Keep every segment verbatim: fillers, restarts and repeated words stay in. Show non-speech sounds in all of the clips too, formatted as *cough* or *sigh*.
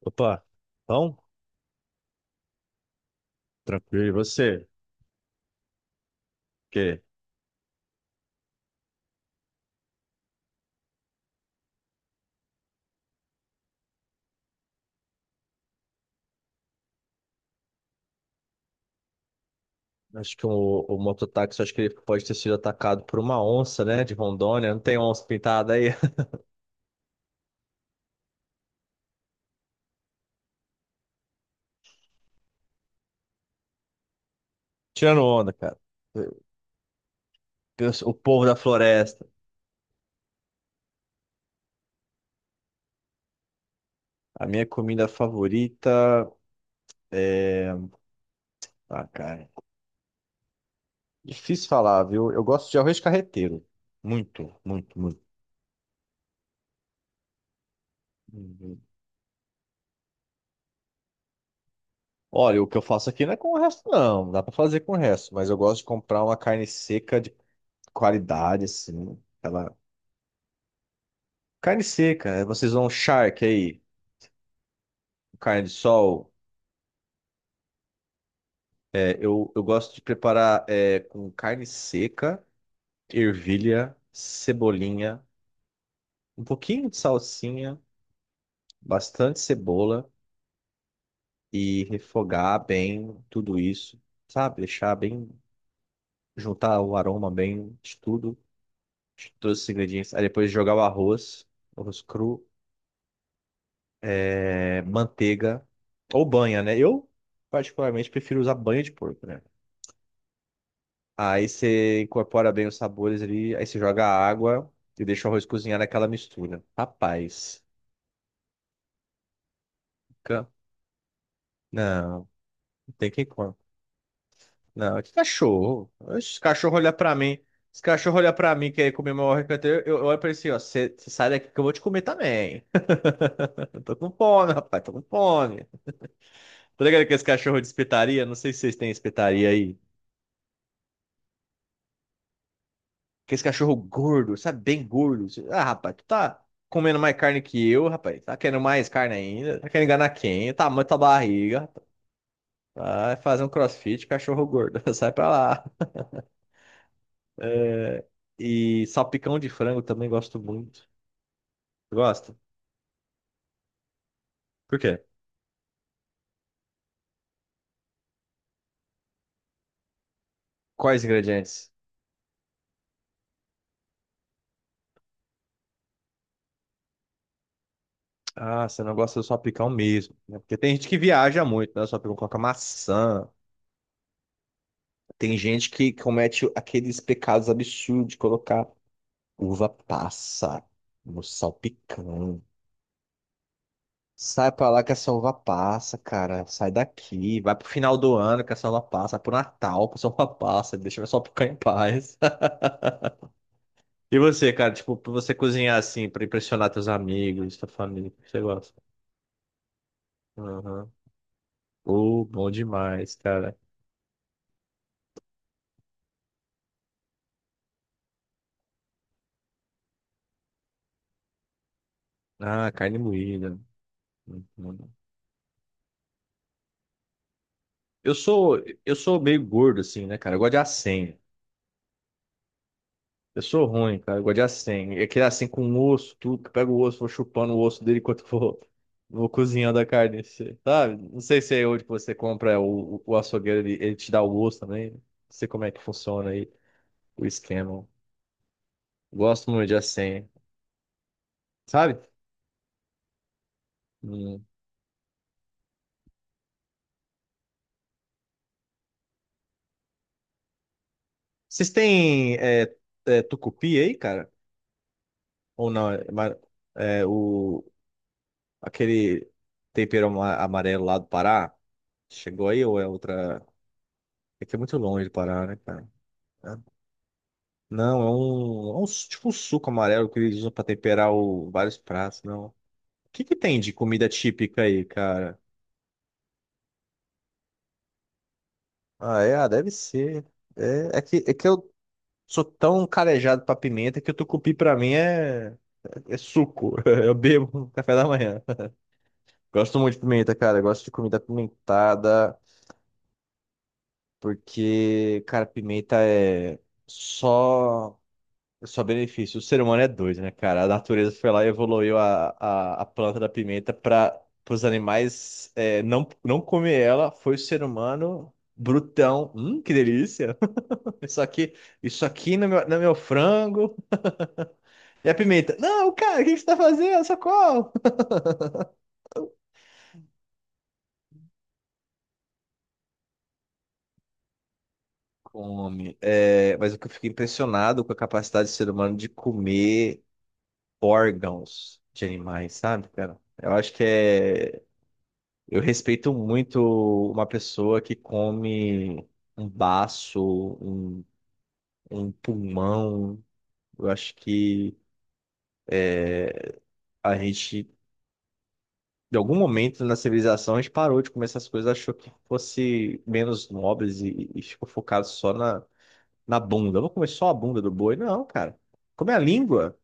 Opa, então, tranquilo, e você? Porque acho que o, o mototáxi, acho que ele pode ter sido atacado por uma onça, né, de Rondônia. Não tem onça pintada aí? *laughs* Tirando onda, cara. Eu- O povo da floresta. A minha comida favorita é... Ah, cara, difícil falar, viu? Eu gosto de arroz carreteiro. Muito, muito, muito. Uhum. Olha, o que eu faço aqui não é com o resto, não. Dá pra fazer com o resto, mas eu gosto de comprar uma carne seca de qualidade, assim. Ela Carne seca, é, vocês vão charque aí, carne de sol. É, eu, eu gosto de preparar é, com carne seca, ervilha, cebolinha, um pouquinho de salsinha, bastante cebola e refogar bem tudo isso, sabe? Deixar bem, juntar o aroma bem de tudo, de todos os ingredientes. Aí depois jogar o arroz, arroz cru, é, manteiga ou banha, né? Eu particularmente prefiro usar banha de porco, né? Aí você incorpora bem os sabores ali, aí você joga a água e deixa o arroz cozinhar naquela mistura. Rapaz, fica- não, tem que comer. Não, que cachorro. Os cachorro olha pra mim. Os cachorro olha pra mim, quer comer meu arroz. Canteiro. Eu, eu olho pra ele assim, ó. Você sai daqui que eu vou te comer também. *laughs* Eu tô com fome, rapaz, tô com fome. Tá ligado que esse cachorro é de espetaria? Não sei se vocês têm espetaria aí. Aqueles cachorro gordo, sabe? Bem gordo. Ah, rapaz, tu tá comendo mais carne que eu, rapaz. Tá querendo mais carne ainda? Tá querendo enganar quem? Tá tamanho da tua barriga. Rapaz. Vai fazer um crossfit, cachorro gordo. *laughs* Sai pra lá. E salpicão de frango também gosto muito. Gosta? Por quê? Quais ingredientes? Ah, você não gosta do salpicão mesmo, né? Porque tem gente que viaja muito, né? O salpicão coloca maçã. Tem gente que comete aqueles pecados absurdos de colocar uva passa no salpicão. Sai pra lá que a selva passa, cara. Sai daqui. Vai pro final do ano que a selva passa. Pro Natal que a selva passa. Deixa eu só ficar em paz. *laughs* E você, cara? Tipo, pra você cozinhar assim, pra impressionar teus amigos, tua família, o que você gosta? Aham. Oh, bom demais, cara. Ah, carne moída. Muito bom. Eu sou, eu sou meio gordo, assim, né, cara? Eu gosto de acém. Eu sou ruim, cara. Eu gosto de assim. É aquele assim com osso, tudo. Que pega o osso, vou chupando o osso dele enquanto vou, *laughs* vou cozinhando a carne. Assim, sabe? Não sei se é onde que você compra o, o açougueiro, ele, ele te dá o osso também. Não sei como é que funciona aí o esquema. Gosto muito de assim. Sabe? Hum. Vocês têm é, é, tucupi aí, cara? Ou não? É, ma- é, o, aquele tempero ama- amarelo lá do Pará? Chegou aí ou é outra? É que é muito longe do Pará, né, cara? Não, é um, é um su- tipo um suco amarelo que eles usam pra temperar o, vários pratos, não. O que que tem de comida típica aí, cara? Ah, é, ah, deve ser. É, é que, é que eu sou tão calejado pra pimenta que o tucupi pra mim é, é suco. *laughs* Eu bebo no café da manhã. Gosto muito de pimenta, cara. Eu gosto de comida apimentada, porque, cara, pimenta é só. Só benefício. O ser humano é doido, né, cara? A natureza foi lá e evoluiu a, a, a planta da pimenta para os animais é, não, não comer ela. Foi o ser humano brutão. Hum, que delícia! *laughs* Isso aqui, isso aqui no meu, no meu frango. E a pimenta. Não, cara, o que que você tá fazendo? Socorro! Come. É, mas o que eu fiquei impressionado com a capacidade do ser humano de comer órgãos de animais, sabe, cara? Eu acho que é. Eu respeito muito uma pessoa que come um baço, um, um pulmão. Eu acho que a gente, de algum momento na civilização, a gente parou de comer essas coisas, achou que fosse menos nobres e, e ficou focado só na, na bunda. Eu vou comer só a bunda do boi? Não, cara. Comer a língua.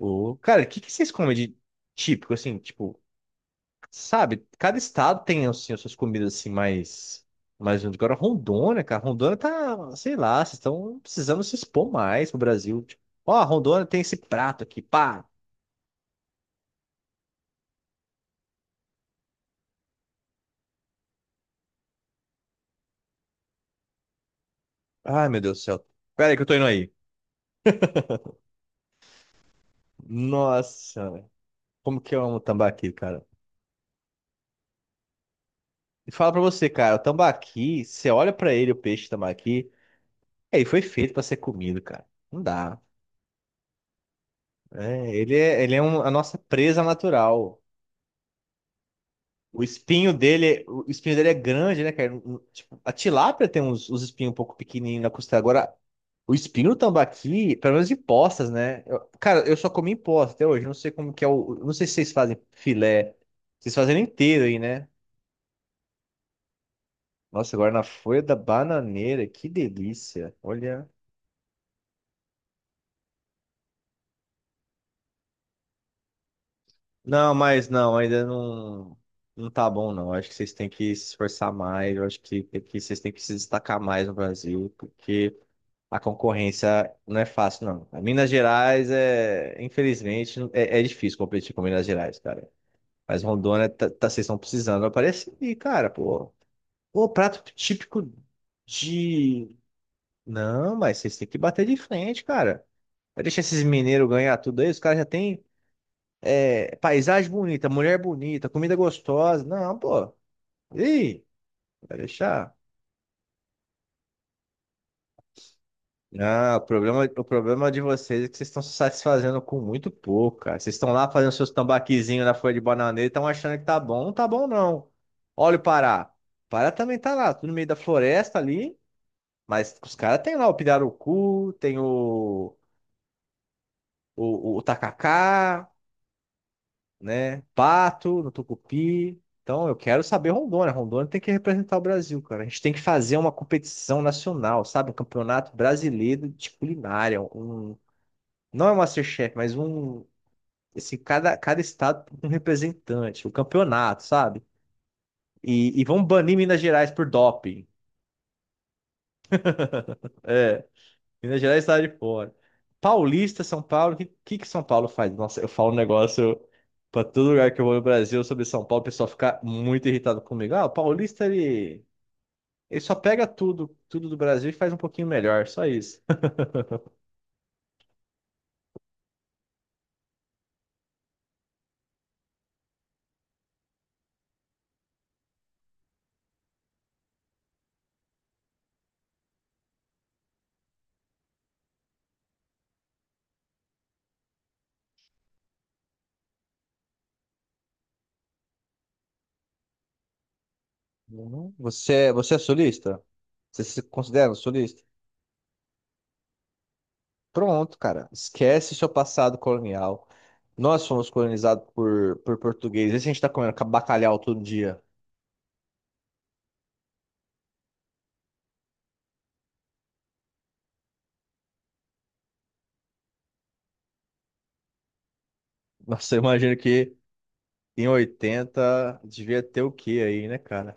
Ô, cara, o que, que vocês comem de típico, assim, tipo. Sabe, cada estado tem assim, as suas comidas assim mais mais junto. Agora Rondônia, cara, Rondônia tá, sei lá, vocês estão precisando se expor mais pro Brasil. Tipo, ó, Rondônia tem esse prato aqui, pá. Ai, meu Deus do céu. Pera aí que eu tô indo aí. Nossa, velho. Como que eu amo tambaqui, cara? E fala pra você, cara, o tambaqui, você olha pra ele, o peixe tambaqui, é, ele foi feito pra ser comido, cara. Não dá. É, ele é, ele é um- a nossa presa natural. O espinho dele, o espinho dele é grande, né, cara? Um- Tipo, a tilápia tem uns, os espinhos um pouco pequenininhos na costela. Agora, o espinho do tambaqui, pelo menos de postas, né? Eu- cara, eu só comi em posta até hoje. Não sei como que é o. Não sei se vocês fazem filé. Vocês fazem ele inteiro aí, né? Nossa, agora na folha da bananeira, que delícia. Olha. Não, mas não, ainda não, não tá bom, não. Acho que vocês têm que se esforçar mais, eu acho que, tem que vocês têm que se destacar mais no Brasil, porque a concorrência não é fácil, não. A Minas Gerais é, infelizmente, é, é difícil competir com Minas Gerais, cara. Mas Rondônia, tá, tá- vocês estão precisando aparecer, e, cara, pô. Pô, prato típico de. Não, mas vocês têm que bater de frente, cara. Vai deixar esses mineiros ganhar tudo aí, os caras já têm. É, paisagem bonita, mulher bonita, comida gostosa. Não, pô. Ih, vai deixar. Não, o problema, o problema de vocês é que vocês estão se satisfazendo com muito pouco, cara. Vocês estão lá fazendo seus tambaquizinhos na folha de bananeira e estão achando que tá bom. Não tá bom, não. Olha o Pará. O Pará também tá lá, tudo no meio da floresta ali. Mas os caras têm lá o pirarucu, tem o, o, o o tacacá. Né? Pato, no Tucupi. Então, eu quero saber Rondônia. Rondônia tem que representar o Brasil, cara. A gente tem que fazer uma competição nacional, sabe? Um campeonato brasileiro de culinária. Um... Não é um MasterChef, mas um. Assim, cada, cada estado tem um representante, o um campeonato, sabe? E, e vão banir Minas Gerais por doping. É, Minas Gerais está de fora. Paulista, São Paulo, o que, que que São Paulo faz? Nossa, eu falo um negócio para todo lugar que eu vou no Brasil sobre São Paulo, o pessoal fica muito irritado comigo. Ah, o paulista, ele, ele só pega tudo, tudo do Brasil e faz um pouquinho melhor, só isso. Uhum. Você, é- você é sulista? Você se considera um sulista? Pronto, cara. Esquece seu passado colonial. Nós fomos colonizados por, por portugueses. E se a gente tá comendo bacalhau todo dia. Nossa, eu imagino que em oitenta devia ter o quê aí, né, cara?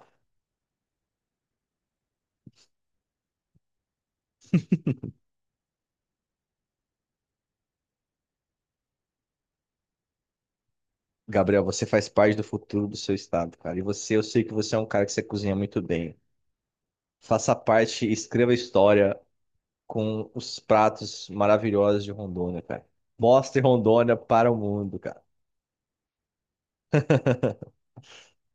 Gabriel, você faz parte do futuro do seu estado, cara. E você, eu sei que você é um cara que você cozinha muito bem. Faça parte, escreva história com os pratos maravilhosos de Rondônia, cara. Mostre Rondônia para o mundo, cara.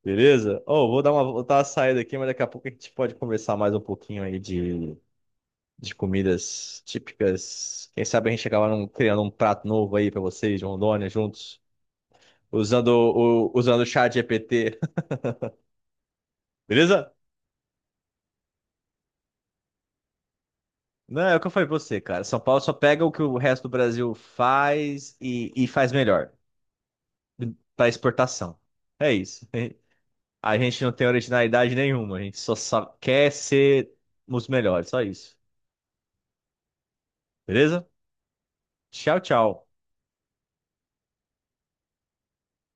Beleza? Oh, vou dar uma, vou dar uma saída aqui, mas daqui a pouco a gente pode conversar mais um pouquinho aí de, de comidas típicas. Quem sabe a gente acaba num- criando um prato novo aí para vocês de Rondônia juntos, usando o, usando o chat G P T. Beleza? Não, é o que eu falei pra você, cara. São Paulo só pega o que o resto do Brasil faz e, e faz melhor para exportação. É isso. *laughs* A gente não tem originalidade nenhuma, a gente só, só quer ser os melhores, só isso. Beleza? Tchau, tchau.